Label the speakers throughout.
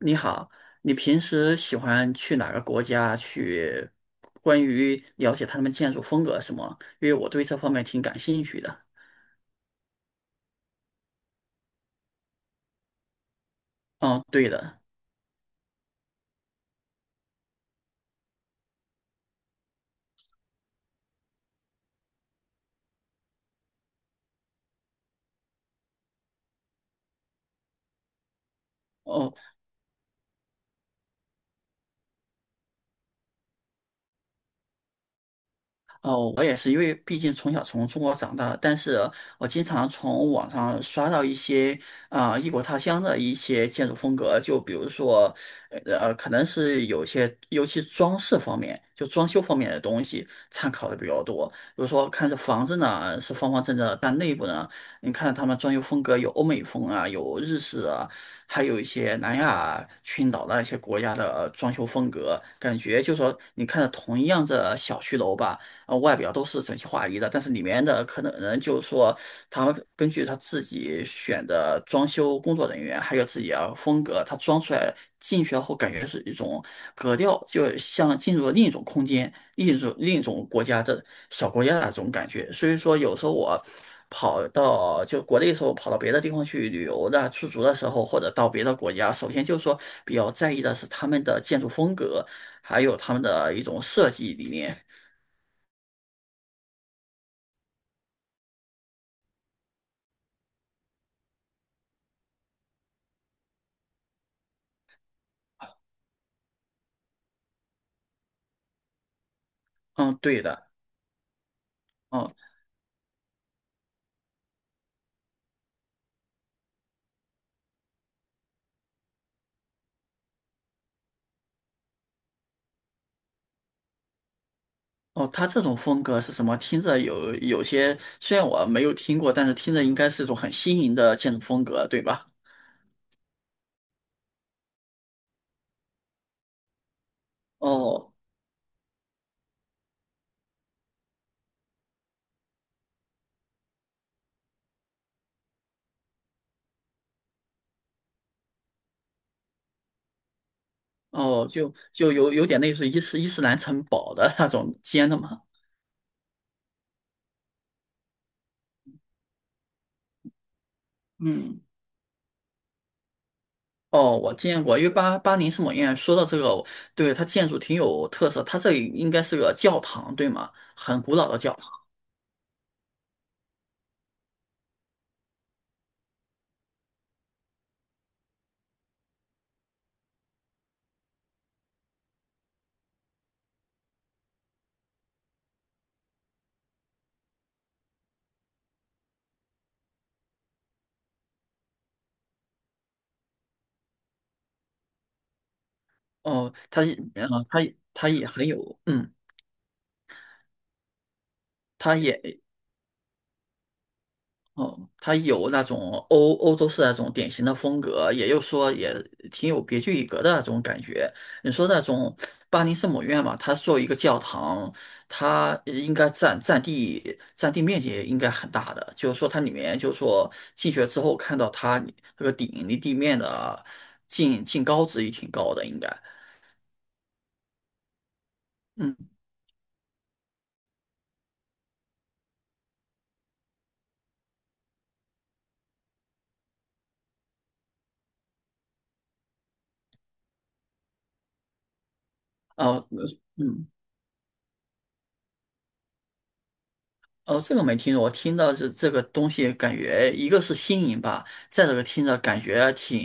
Speaker 1: 你好，你平时喜欢去哪个国家去？关于了解他们建筑风格什么？因为我对这方面挺感兴趣的。哦，对的。哦。哦，我也是，因为毕竟从小从中国长大，但是我经常从网上刷到一些异国他乡的一些建筑风格，就比如说，可能是有些，尤其装饰方面，就装修方面的东西参考的比较多。比如说，看这房子呢是方方正正的，但内部呢，你看他们装修风格有欧美风啊，有日式啊，还有一些南亚群岛的一些国家的装修风格，感觉就说你看着同样的小区楼吧。外表都是整齐划一的，但是里面的可能人就是说，他们根据他自己选的装修工作人员，还有自己的风格，他装出来进去后感觉是一种格调，就像进入了另一种空间、另一种国家的小国家的那种感觉。所以说，有时候我。跑到就国内的时候，跑到别的地方去旅游的、出足的时候，或者到别的国家，首先就是说比较在意的是他们的建筑风格，还有他们的一种设计理念。嗯，对的。哦。哦，他这种风格是什么？听着有些，虽然我没有听过，但是听着应该是一种很新颖的建筑风格，对吧？哦哦。就有点类似于伊斯兰城堡的那种尖的嘛。嗯，哦，我见过，因为巴黎圣母院说到这个，对它建筑挺有特色，它这里应该是个教堂，对吗？很古老的教堂。哦，它也，它它也很有，它也。哦，它有那种欧洲式那种典型的风格，也就是说也挺有别具一格的那种感觉。你说那种巴黎圣母院嘛，它作为一个教堂，它应该占地面积也应该很大的，就是说它里面就是说进去了之后看到它那个顶离地面的高值也挺高的，应该。嗯，哦，嗯。哦，这个没听过，我听到是这个东西，感觉一个是新颖吧，再这个听着感觉挺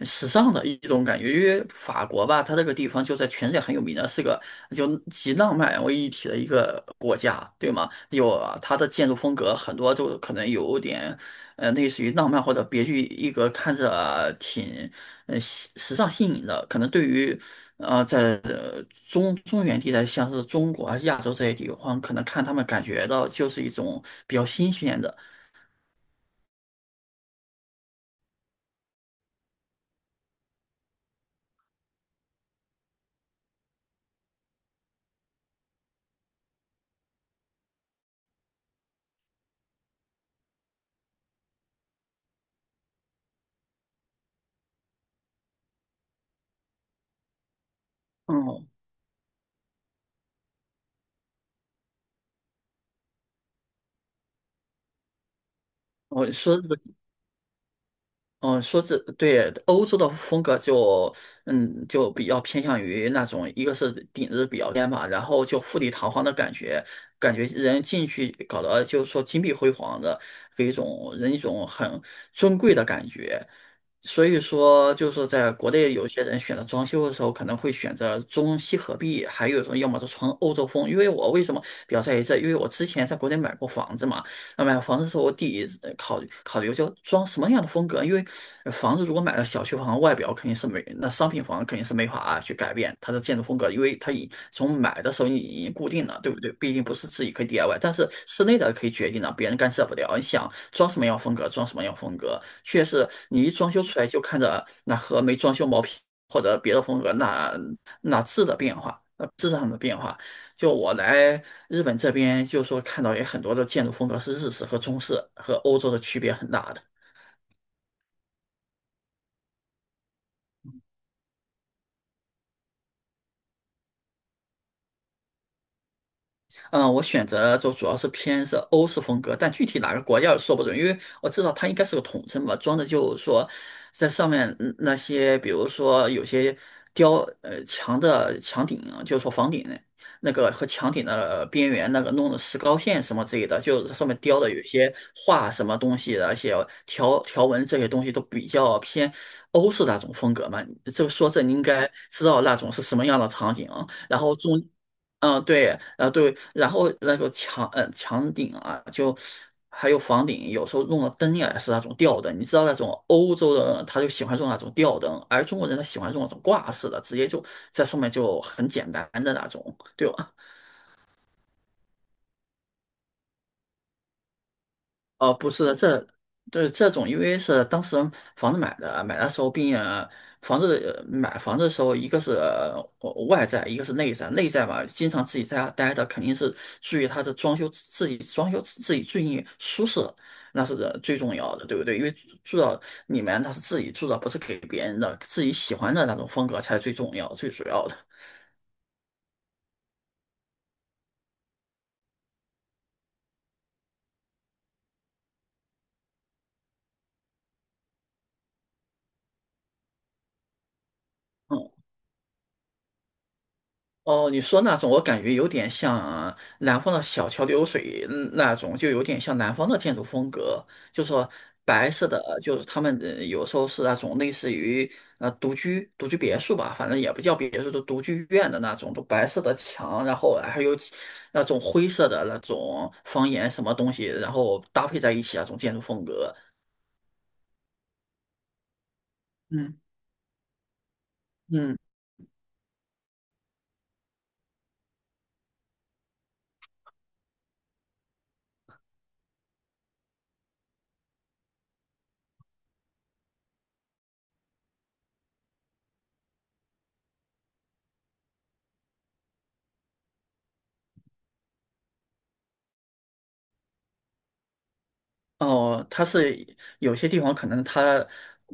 Speaker 1: 时尚的一种感觉。因为法国吧，它这个地方就在全世界很有名的，是个就集浪漫为一体的一个国家，对吗？有啊它的建筑风格很多就可能有点。类似于浪漫或者别具一格，看着挺时尚新颖的。可能对于呃在呃中原地带，像是中国啊、亚洲这些地方，可能看他们感觉到就是一种比较新鲜的。嗯，我说这个。嗯，说这对欧洲的风格就，嗯，就比较偏向于那种，一个是顶子比较尖嘛，然后就富丽堂皇的感觉，感觉人进去搞得就是说金碧辉煌的，给一种人一种很尊贵的感觉。所以说，就是说在国内有些人选择装修的时候，可能会选择中西合璧，还有一种要么是纯欧洲风。因为我为什么比较在意这？因为我之前在国内买过房子嘛。那买房子的时候，我第一考虑就装什么样的风格，因为房子如果买了小区房，外表肯定是没，那商品房肯定是没法去改变它的建筑风格，因为它已从买的时候你已经固定了，对不对？毕竟不是自己可以 DIY，但是室内的可以决定了，别人干涉不了。你想装什么样风格，装什么样风格，确实你一装修出来就看着那和没装修毛坯或者别的风格那质的变化，质上的变化。就我来日本这边，就说看到有很多的建筑风格是日式和中式，和欧洲的区别很大的。嗯，我选择就主要是偏是欧式风格，但具体哪个国家说不准，因为我知道它应该是个统称吧，装的就是说，在上面嗯那些，比如说有些雕墙的墙顶啊就是说房顶那个和墙顶的边缘那个弄的石膏线什么之类的，就是上面雕的有些画什么东西的，而且条条纹这些东西都比较偏欧式那种风格嘛。这个说这你应该知道那种是什么样的场景啊然后中嗯，对，对，对，然后那个墙，墙顶啊，就还有房顶，有时候用的灯也是那种吊灯。你知道那种欧洲人他就喜欢用那种吊灯，而中国人他喜欢用那种挂式的，直接就在上面就很简单的那种，对吧？哦，不是的，这对这种，因为是当时房子买的，买的时候买房子的时候，一个是外在，一个是内在。内在嘛，经常自己在家待的，肯定是注意它的装修，自己装修自己最舒适，那是最重要的，对不对？因为住到里面，它是自己住的，不是给别人的，自己喜欢的那种风格才是最重要、最主要的。嗯。哦，你说那种，我感觉有点像南方的小桥流水嗯那种，就有点像南方的建筑风格，就说白色的，就是他们有时候是那种类似于独居别墅吧，反正也不叫别墅，就独居院的那种，都白色的墙，然后还有其那种灰色的那种房檐什么东西，然后搭配在一起那种建筑风格。嗯。嗯。哦，它是有些地方可能它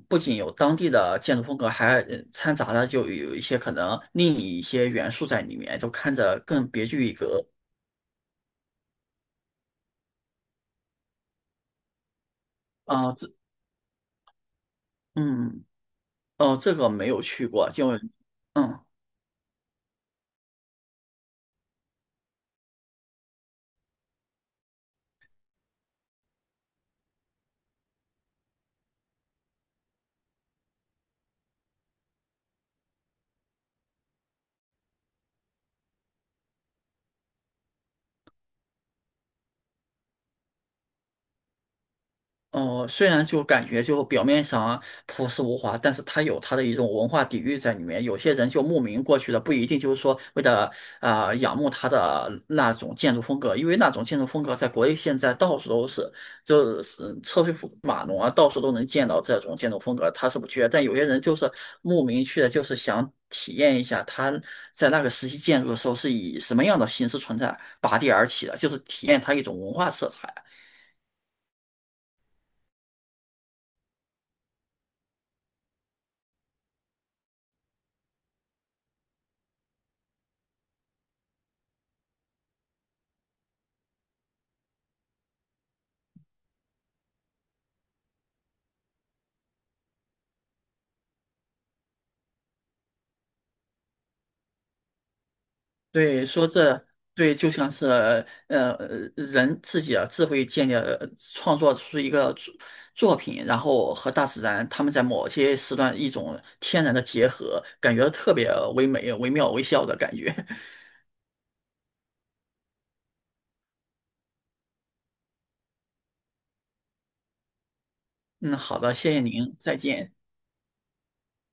Speaker 1: 不仅有当地的建筑风格，还掺杂了就有一些可能另一些元素在里面，就看着更别具一格。啊、这嗯。哦，这个没有去过，就嗯。哦，虽然就感觉就表面上啊朴实无华，但是它有它的一种文化底蕴在里面。有些人就慕名过去的，不一定就是说为了仰慕它的那种建筑风格，因为那种建筑风格在国内现在到处都是，就是车水马龙啊，到处都能见到这种建筑风格，他是不缺。但有些人就是慕名去的，就是想体验一下他在那个时期建筑的时候是以什么样的形式存在，拔地而起的，就是体验它一种文化色彩。对，说这对就像是呃人自己啊智慧建立了创作出一个作品，然后和大自然他们在某些时段一种天然的结合，感觉特别唯美、惟妙惟肖的感觉。嗯，好的，谢谢您，再见。